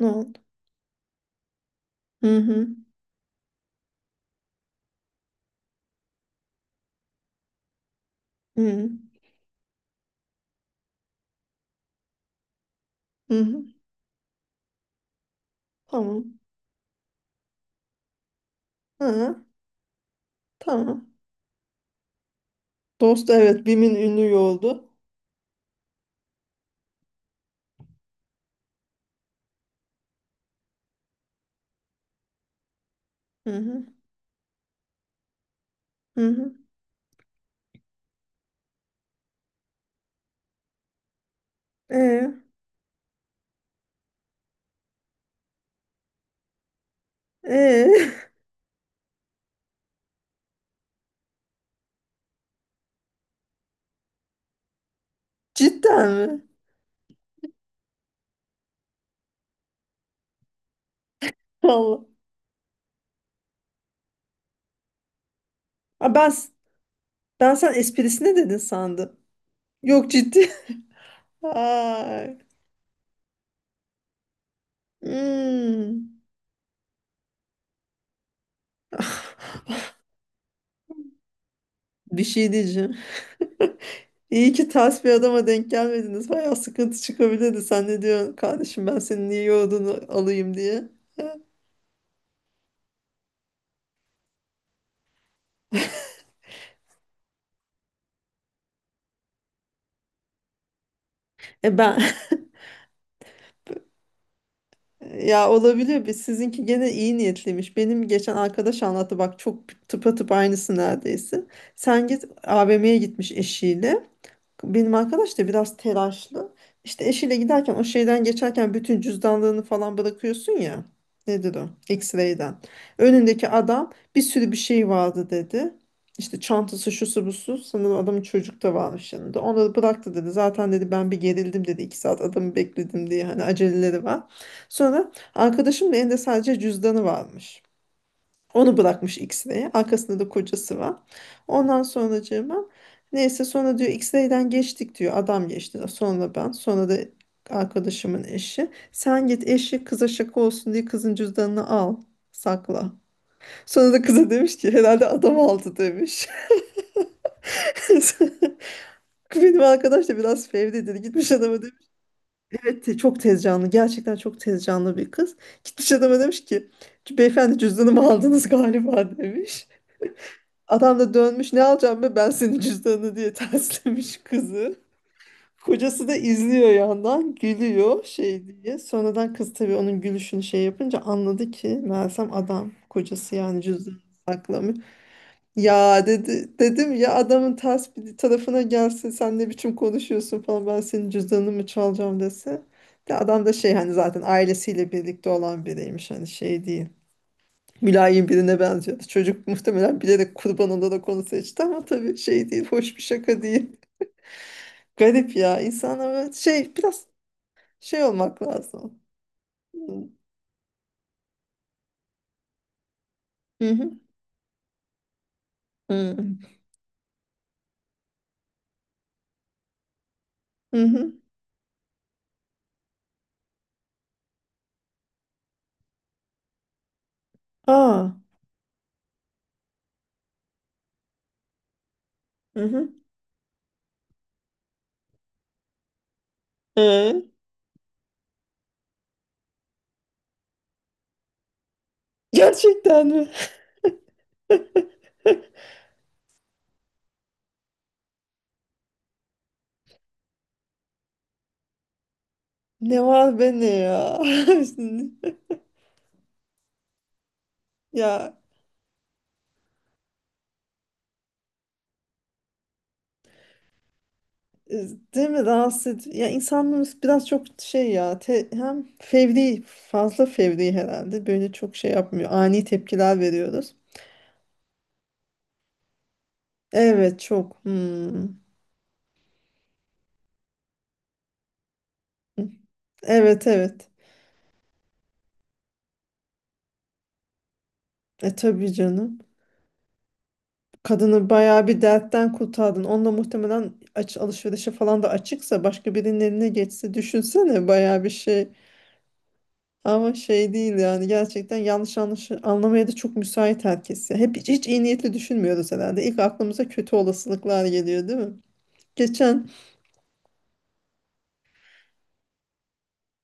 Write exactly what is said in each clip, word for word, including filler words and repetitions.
Evet. Hı hı. Hı hı. Tamam. Hı. Tamam. Dost, evet, BİM'in ünlü yoldu. Hı hı. Hı hı. Ee, ee. Cidden mi? Allah. Aa, ben ben sen esprisine dedin sandım. Yok, ciddi. Ay. Hmm. Bir şey diyeceğim. İyi ki ters bir adama denk gelmediniz. Bayağı sıkıntı çıkabilirdi. Sen ne diyorsun kardeşim, ben senin niye yoğurdunu alayım diye. E ben. Ya, olabilir. Biz, sizinki gene iyi niyetliymiş. Benim geçen arkadaş anlattı, bak, çok tıpatıp aynısı neredeyse. Sen git A V M'ye gitmiş eşiyle. Benim arkadaş da biraz telaşlı. İşte eşiyle giderken o şeyden geçerken bütün cüzdanlarını falan bırakıyorsun ya. Nedir o? X-ray'den. Önündeki adam, bir sürü bir şey vardı dedi. İşte çantası, şusu busu. Sanırım adamın çocuk da varmış yanında. Onları bıraktı dedi. Zaten dedi ben bir gerildim dedi. İki saat adamı bekledim diye. Hani aceleleri var. Sonra arkadaşımın elinde sadece cüzdanı varmış. Onu bırakmış X-Ray'e. Arkasında da kocası var. Ondan sonracığıma, neyse, sonra diyor X-Ray'den geçtik diyor. Adam geçti. Sonra ben. Sonra da arkadaşımın eşi. Sen git eşi, kıza şaka olsun diye kızın cüzdanını al. Sakla. Sonra da kıza demiş ki herhalde adam aldı demiş. Benim arkadaş da biraz fevridir. Gitmiş adama demiş. Evet, te- çok tez canlı. Gerçekten çok tez canlı bir kız. Gitmiş adama demiş ki beyefendi, cüzdanımı aldınız galiba demiş. Adam da dönmüş, ne alacağım be ben senin cüzdanını diye terslemiş kızı. Kocası da izliyor yandan gülüyor şey diye. Sonradan kız, tabii, onun gülüşünü şey yapınca anladı ki Mersem adam kocası yani cüzdanı saklamış. Ya dedi, dedim ya adamın ters bir tarafına gelse sen ne biçim konuşuyorsun falan, ben senin cüzdanını mı çalacağım dese. De adam da şey, hani zaten ailesiyle birlikte olan biriymiş, hani şey değil. Mülayim birine benziyordu. Çocuk muhtemelen bilerek kurban olarak onu seçti ama tabii şey değil, hoş bir şaka değil. Garip ya. İnsanlar böyle şey biraz şey olmak lazım. Hı hı. Hı hı. Hı. Aa. Hı hı. Ee, gerçekten mi? Ne var be ne ya? Ya, e, değil mi rahatsız edici- Ya insanlarımız biraz çok şey ya, te- hem fevri, fazla fevri herhalde, böyle çok şey yapmıyor. Ani tepkiler veriyoruz. Evet, çok. Hmm. Evet, evet. E tabii canım. Kadını bayağı bir dertten kurtardın. Onunla muhtemelen aç alışverişe falan da açıksa, başka birinin eline geçse düşünsene bayağı bir şey. Ama şey değil yani, gerçekten yanlış anlaş anlamaya da çok müsait herkes. Ya. Hep hiç, hiç iyi niyetli düşünmüyoruz herhalde. İlk aklımıza kötü olasılıklar geliyor değil mi? Geçen.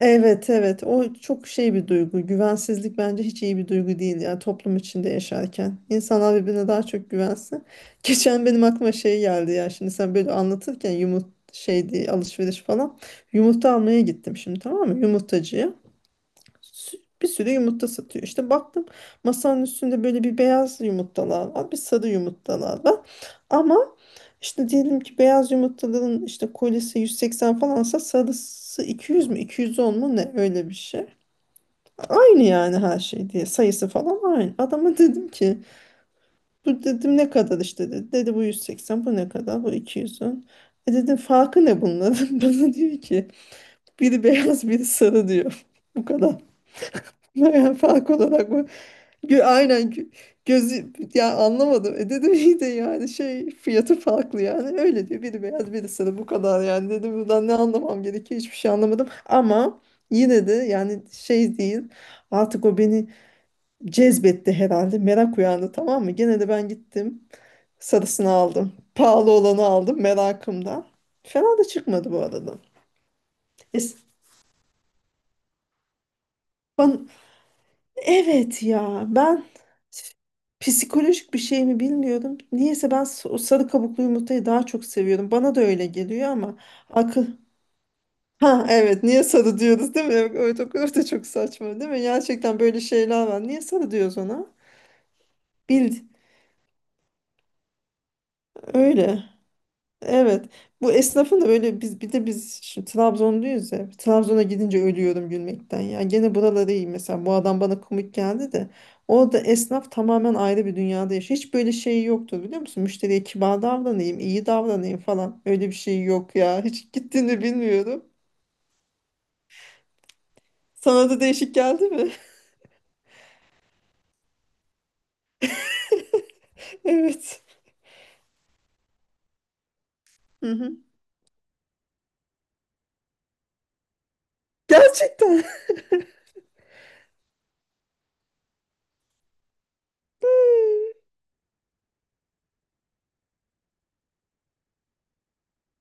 Evet, evet, o çok şey bir duygu, güvensizlik, bence hiç iyi bir duygu değil ya, toplum içinde yaşarken insanlar birbirine daha çok güvensin. Geçen benim aklıma şey geldi ya, şimdi sen böyle anlatırken, yumurt şey diye, alışveriş falan, yumurta almaya gittim şimdi, tamam mı, yumurtacıya. Sü- bir sürü yumurta satıyor işte, baktım masanın üstünde böyle bir beyaz yumurtalar var, bir sarı yumurtalar var ama işte diyelim ki beyaz yumurtaların işte kolisi yüz seksen falansa, sarısı iki yüz mü, iki yüz on mu, ne, öyle bir şey. Aynı yani, her şey diye sayısı falan aynı. Adama dedim ki, bu dedim ne kadar, işte dedi. Dedi bu yüz seksen, bu ne kadar, bu iki yüz on. E dedim farkı ne bunların? Bana diyor ki biri beyaz biri sarı diyor. Bu kadar. Yani fark olarak bu. Gö- aynen gö- gözü ya, anlamadım. E dedim iyi de yani, şey, fiyatı farklı yani. Öyle diyor. Biri beyaz biri sarı, bu kadar yani. Dedim buradan ne anlamam gerekiyor, hiçbir şey anlamadım. Ama yine de yani şey değil. Artık o beni cezbetti herhalde. Merak uyandı, tamam mı? Gene de ben gittim. Sarısını aldım. Pahalı olanı aldım merakımdan. Fena da çıkmadı bu arada. Es- bana, Evet ya, ben psikolojik bir şey mi bilmiyorum. Niyeyse ben s- o sarı kabuklu yumurtayı daha çok seviyorum. Bana da öyle geliyor ama akıl... Ha evet, niye sarı diyoruz değil mi? Evet, evet, o kadar da çok saçma değil mi? Gerçekten böyle şeyler var. Niye sarı diyoruz ona? Bil öyle. Evet. Bu esnafın da böyle, biz bir de biz şimdi Trabzonluyuz ya. Trabzon'a gidince ölüyorum gülmekten. Ya gene buraları iyi mesela. Bu adam bana komik geldi de. Orada esnaf tamamen ayrı bir dünyada yaşıyor. Hiç böyle şey yoktu biliyor musun? Müşteriye kibar davranayım, iyi davranayım falan. Öyle bir şey yok ya. Hiç gittiğini bilmiyorum. Sana da değişik geldi mi? Evet. Hı hı. Gerçekten.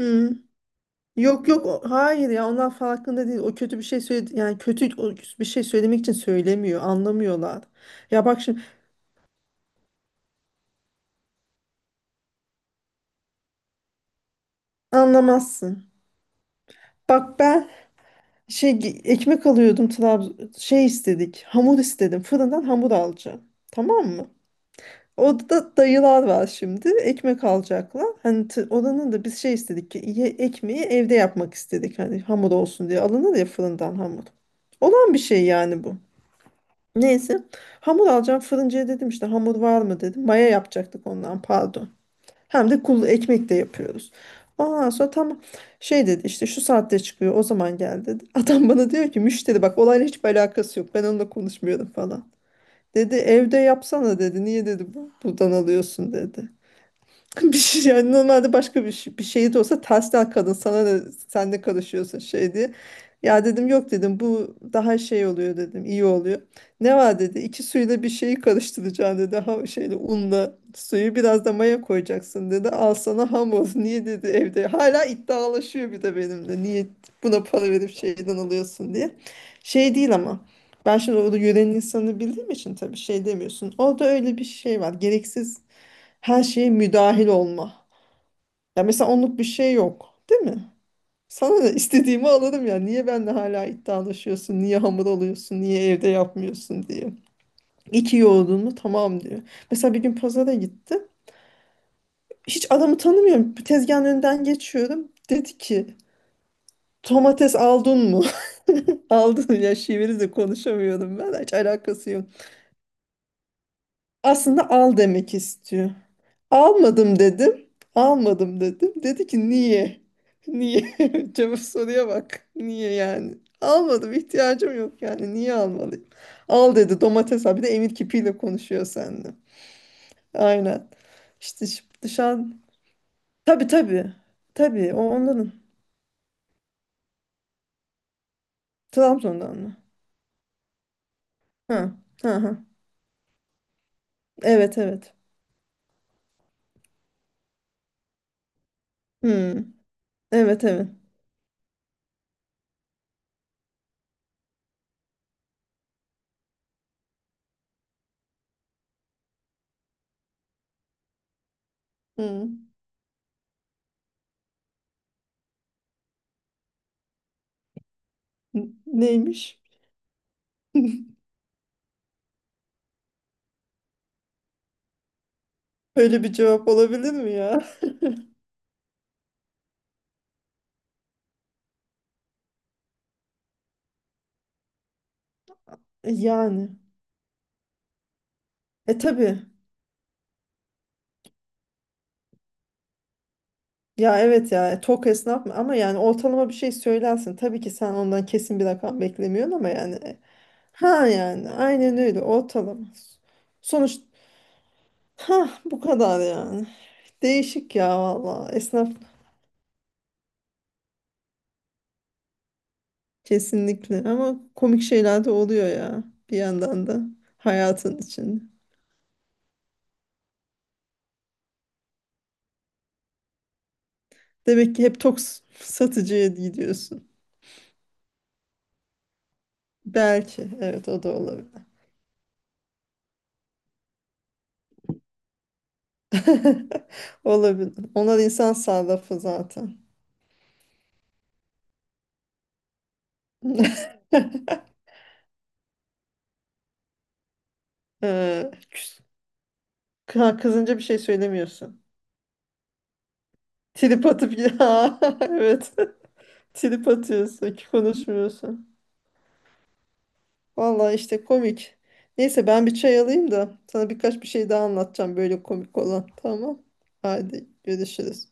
Hı. Yok, yok, o- hayır ya, onlar farkında değil. O kötü bir şey söyledi yani, kötü o- bir şey söylemek için söylemiyor. Anlamıyorlar. Ya bak şimdi, anlamazsın. Bak ben şey gi- ekmek alıyordum Trabzon, şey istedik. Hamur istedim. Fırından hamur alacağım. Tamam mı? Orada dayılar var şimdi. Ekmek alacaklar. Hani, t- oranın da biz şey istedik ki, ye- ekmeği evde yapmak istedik. Hani hamur olsun diye alınır ya, fırından hamur. Olan bir şey yani bu. Neyse. Hamur alacağım. Fırıncıya dedim, işte hamur var mı dedim. Maya yapacaktık, ondan pardon. Hem de kul ekmek de yapıyoruz. Ondan sonra tam şey dedi, işte şu saatte çıkıyor o zaman gel dedi. Adam bana diyor ki, müşteri bak, olayla hiçbir alakası yok. Ben onunla konuşmuyorum falan. Dedi evde yapsana dedi. Niye dedi bu buradan alıyorsun dedi. Bir şey yani, normalde başka bir, şey, bir şey de olsa tersten, kadın sana ne, sen ne karışıyorsun şey diye. Ya dedim yok dedim, bu daha şey oluyor dedim, iyi oluyor. Ne var dedi, iki suyla bir şeyi karıştıracaksın dedi, ha şeyle, unla suyu biraz da maya koyacaksın dedi. Al sana hamur. Niye dedi evde, hala iddialaşıyor bir de benimle, niye buna para verip şeyden alıyorsun diye. Şey değil ama ben şimdi orada yörenin insanını bildiğim için tabii şey demiyorsun. Orada öyle bir şey var, gereksiz her şeye müdahil olma. Ya mesela onluk bir şey yok, değil mi? Sana da istediğimi alırım ya. Niye benimle hala iddialaşıyorsun? Niye hamur alıyorsun? Niye evde yapmıyorsun diye. İki yoğurdun mu? Tamam diyor. Mesela bir gün pazara gittim. Hiç adamı tanımıyorum. Tezgahın önünden geçiyorum. Dedi ki domates aldın mı? Aldın ya şiveri de konuşamıyorum ben. Hiç alakası yok. Aslında al demek istiyor. Almadım dedim. Almadım dedim. Dedi ki niye? Niye? Cevap soruya bak. Niye yani? Almadım, ihtiyacım yok yani. Niye almalıyım? Al dedi domates abi de, emir kipiyle konuşuyor seninle. Aynen. İşte şi- dışarı... Tabii, tabii. Tabii o onların. Trabzon'dan mı? Ha, ha, ha. Evet, evet. Hmm. Evet, evet. Hmm. N- Neymiş? Böyle bir cevap olabilir mi ya? E, yani. E tabii. Ya, evet ya, tok esnaf mı ama, yani ortalama bir şey söylersin. Tabii ki sen ondan kesin bir rakam beklemiyorsun ama yani, e, ha yani aynen öyle ortalama. Sonuç, ha bu kadar yani. Değişik ya, valla esnaf kesinlikle, ama komik şeyler de oluyor ya, bir yandan da hayatın içinde. Demek ki hep tok s- satıcıya gidiyorsun. Belki, evet, o da olabilir. Olabilir. Onlar insan sarrafı zaten. Ee, Kı- Kızınca bir şey söylemiyorsun. Trip atıp ya, evet. Trip atıyorsun, konuşmuyorsun. Vallahi işte komik. Neyse ben bir çay alayım da sana birkaç bir şey daha anlatacağım böyle komik olan. Tamam. Hadi görüşürüz.